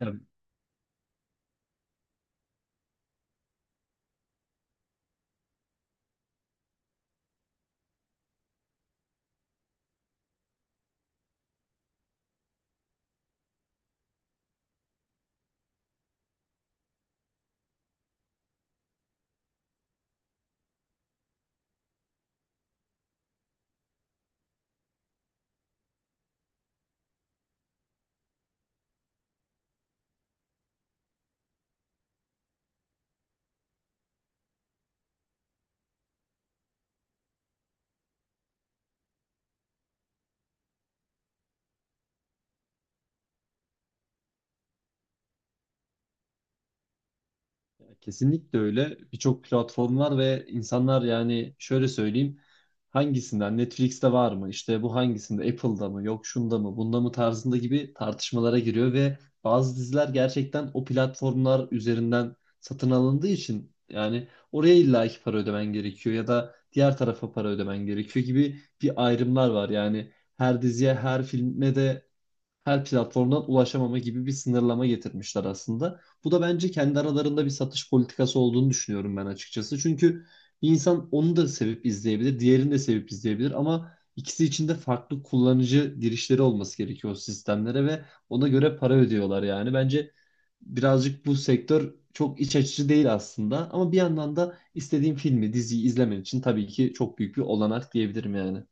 Ya, kesinlikle öyle. Birçok platform var ve insanlar yani şöyle söyleyeyim. Hangisinden? Netflix'te var mı? İşte bu hangisinde? Apple'da mı? Yok şunda mı? Bunda mı tarzında gibi tartışmalara giriyor ve bazı diziler gerçekten o platformlar üzerinden satın alındığı için yani oraya illaki para ödemen gerekiyor ya da diğer tarafa para ödemen gerekiyor gibi bir ayrımlar var. Yani her diziye, her filme de her platformdan ulaşamama gibi bir sınırlama getirmişler aslında. Bu da bence kendi aralarında bir satış politikası olduğunu düşünüyorum ben açıkçası. Çünkü bir insan onu da sevip izleyebilir, diğerini de sevip izleyebilir ama ikisi için de farklı kullanıcı girişleri olması gerekiyor o sistemlere ve ona göre para ödüyorlar yani. Bence birazcık bu sektör çok iç açıcı değil aslında ama bir yandan da istediğim filmi, diziyi izlemen için tabii ki çok büyük bir olanak diyebilirim yani.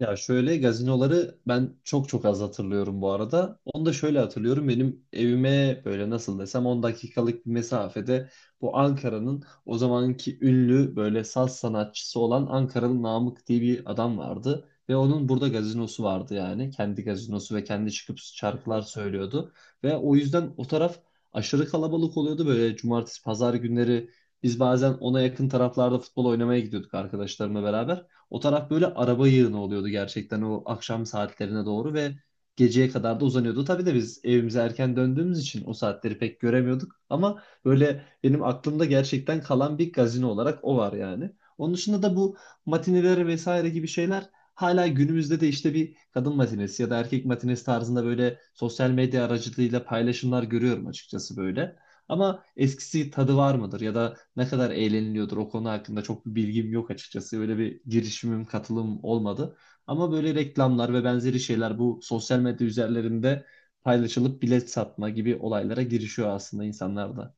Ya şöyle gazinoları ben çok çok az hatırlıyorum bu arada. Onu da şöyle hatırlıyorum. Benim evime böyle nasıl desem 10 dakikalık bir mesafede bu Ankara'nın o zamanki ünlü böyle saz sanatçısı olan Ankaralı Namık diye bir adam vardı. Ve onun burada gazinosu vardı yani. Kendi gazinosu ve kendi çıkıp şarkılar söylüyordu. Ve o yüzden o taraf aşırı kalabalık oluyordu. Böyle cumartesi pazar günleri biz bazen ona yakın taraflarda futbol oynamaya gidiyorduk arkadaşlarımla beraber. O taraf böyle araba yığını oluyordu gerçekten o akşam saatlerine doğru ve geceye kadar da uzanıyordu. Tabii de biz evimize erken döndüğümüz için o saatleri pek göremiyorduk ama böyle benim aklımda gerçekten kalan bir gazino olarak o var yani. Onun dışında da bu matineleri vesaire gibi şeyler hala günümüzde de işte bir kadın matinesi ya da erkek matinesi tarzında böyle sosyal medya aracılığıyla paylaşımlar görüyorum açıkçası böyle. Ama eskisi tadı var mıdır ya da ne kadar eğleniliyordur o konu hakkında çok bir bilgim yok açıkçası. Öyle bir girişimim, katılım olmadı. Ama böyle reklamlar ve benzeri şeyler bu sosyal medya üzerlerinde paylaşılıp bilet satma gibi olaylara girişiyor aslında insanlar da.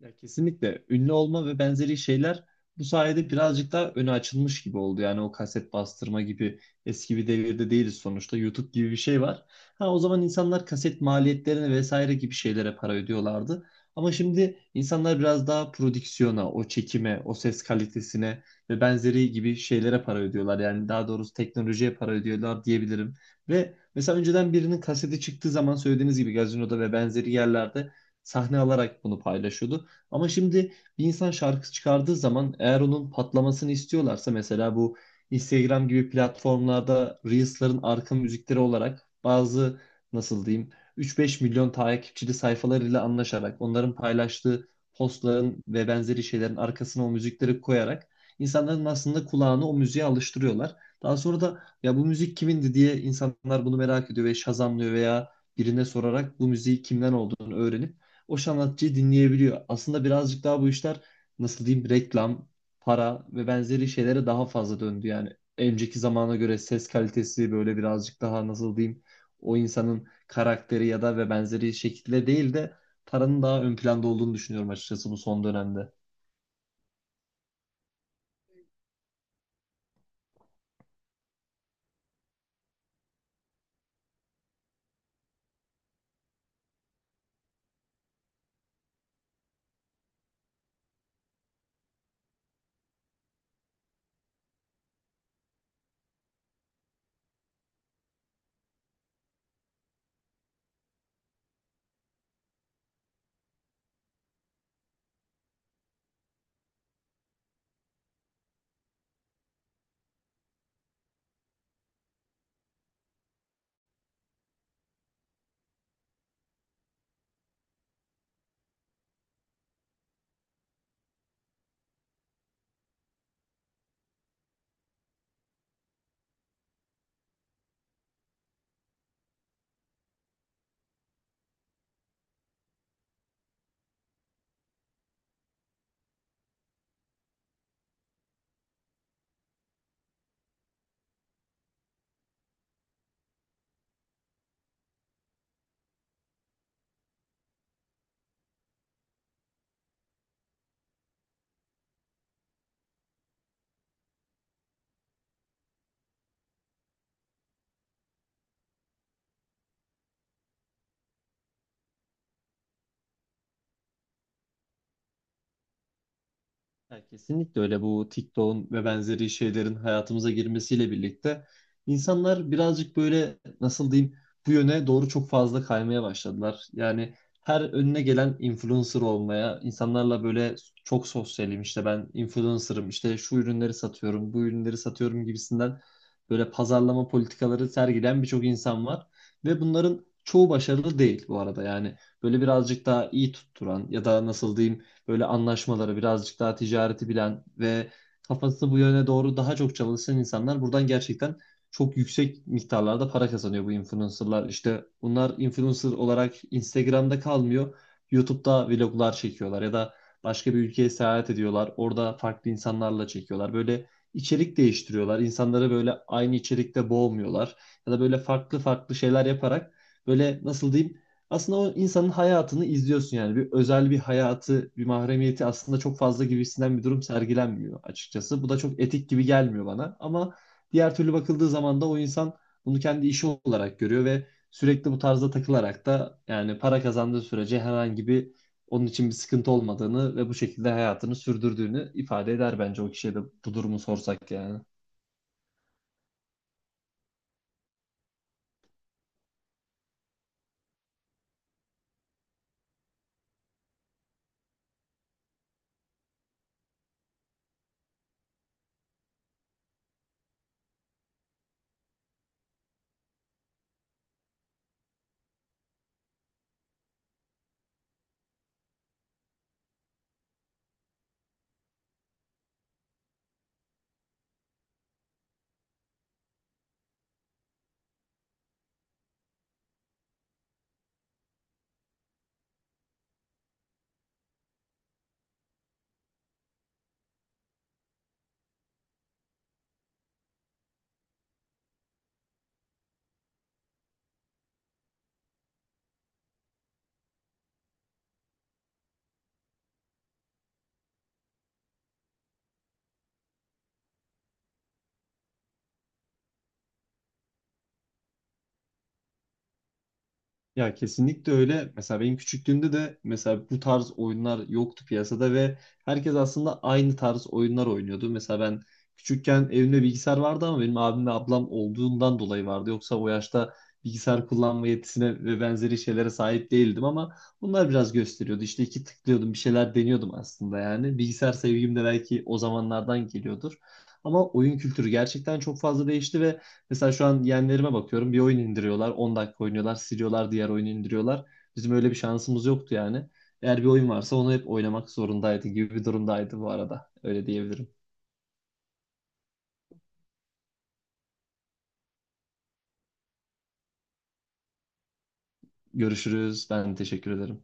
Ya kesinlikle ünlü olma ve benzeri şeyler bu sayede birazcık daha öne açılmış gibi oldu. Yani o kaset bastırma gibi eski bir devirde değiliz sonuçta. YouTube gibi bir şey var. Ha o zaman insanlar kaset maliyetlerine vesaire gibi şeylere para ödüyorlardı. Ama şimdi insanlar biraz daha prodüksiyona, o çekime, o ses kalitesine ve benzeri gibi şeylere para ödüyorlar. Yani daha doğrusu teknolojiye para ödüyorlar diyebilirim. Ve mesela önceden birinin kaseti çıktığı zaman söylediğiniz gibi gazinoda ve benzeri yerlerde sahne alarak bunu paylaşıyordu. Ama şimdi bir insan şarkı çıkardığı zaman eğer onun patlamasını istiyorlarsa mesela bu Instagram gibi platformlarda Reels'ların arka müzikleri olarak bazı nasıl diyeyim 3-5 milyon takipçili sayfalarıyla anlaşarak onların paylaştığı postların ve benzeri şeylerin arkasına o müzikleri koyarak insanların aslında kulağını o müziğe alıştırıyorlar. Daha sonra da ya bu müzik kimindi diye insanlar bunu merak ediyor ve şazamlıyor veya birine sorarak bu müziği kimden olduğunu öğrenip o sanatçıyı dinleyebiliyor. Aslında birazcık daha bu işler nasıl diyeyim reklam, para ve benzeri şeylere daha fazla döndü. Yani önceki zamana göre ses kalitesi böyle birazcık daha nasıl diyeyim o insanın karakteri ya da ve benzeri şekilde değil de paranın daha ön planda olduğunu düşünüyorum açıkçası bu son dönemde. Ya kesinlikle öyle, bu TikTok'un ve benzeri şeylerin hayatımıza girmesiyle birlikte insanlar birazcık böyle nasıl diyeyim bu yöne doğru çok fazla kaymaya başladılar. Yani her önüne gelen influencer olmaya, insanlarla böyle çok sosyalim işte ben influencer'ım işte şu ürünleri satıyorum, bu ürünleri satıyorum gibisinden böyle pazarlama politikaları sergileyen birçok insan var ve bunların çoğu başarılı değil bu arada. Yani böyle birazcık daha iyi tutturan ya da nasıl diyeyim böyle anlaşmaları birazcık daha ticareti bilen ve kafası bu yöne doğru daha çok çalışan insanlar buradan gerçekten çok yüksek miktarlarda para kazanıyor bu influencerlar. İşte bunlar influencer olarak Instagram'da kalmıyor. YouTube'da vloglar çekiyorlar ya da başka bir ülkeye seyahat ediyorlar. Orada farklı insanlarla çekiyorlar. Böyle içerik değiştiriyorlar. İnsanları böyle aynı içerikte boğmuyorlar. Ya da böyle farklı farklı şeyler yaparak böyle nasıl diyeyim aslında o insanın hayatını izliyorsun yani. Bir özel bir hayatı, bir mahremiyeti aslında çok fazla gibisinden bir durum sergilenmiyor açıkçası. Bu da çok etik gibi gelmiyor bana. Ama diğer türlü bakıldığı zaman da o insan bunu kendi işi olarak görüyor ve sürekli bu tarzda takılarak da yani para kazandığı sürece herhangi bir onun için bir sıkıntı olmadığını ve bu şekilde hayatını sürdürdüğünü ifade eder bence o kişiye de bu durumu sorsak yani. Ya kesinlikle öyle. Mesela benim küçüklüğümde de mesela bu tarz oyunlar yoktu piyasada ve herkes aslında aynı tarz oyunlar oynuyordu. Mesela ben küçükken evimde bilgisayar vardı ama benim abim ve ablam olduğundan dolayı vardı. Yoksa o yaşta bilgisayar kullanma yetisine ve benzeri şeylere sahip değildim ama bunlar biraz gösteriyordu. İşte iki tıklıyordum, bir şeyler deniyordum aslında yani. Bilgisayar sevgim de belki o zamanlardan geliyordur. Ama oyun kültürü gerçekten çok fazla değişti ve mesela şu an yeğenlerime bakıyorum. Bir oyun indiriyorlar. 10 dakika oynuyorlar. Siliyorlar. Diğer oyunu indiriyorlar. Bizim öyle bir şansımız yoktu yani. Eğer bir oyun varsa onu hep oynamak zorundaydı gibi bir durumdaydı bu arada. Öyle diyebilirim. Görüşürüz. Ben teşekkür ederim.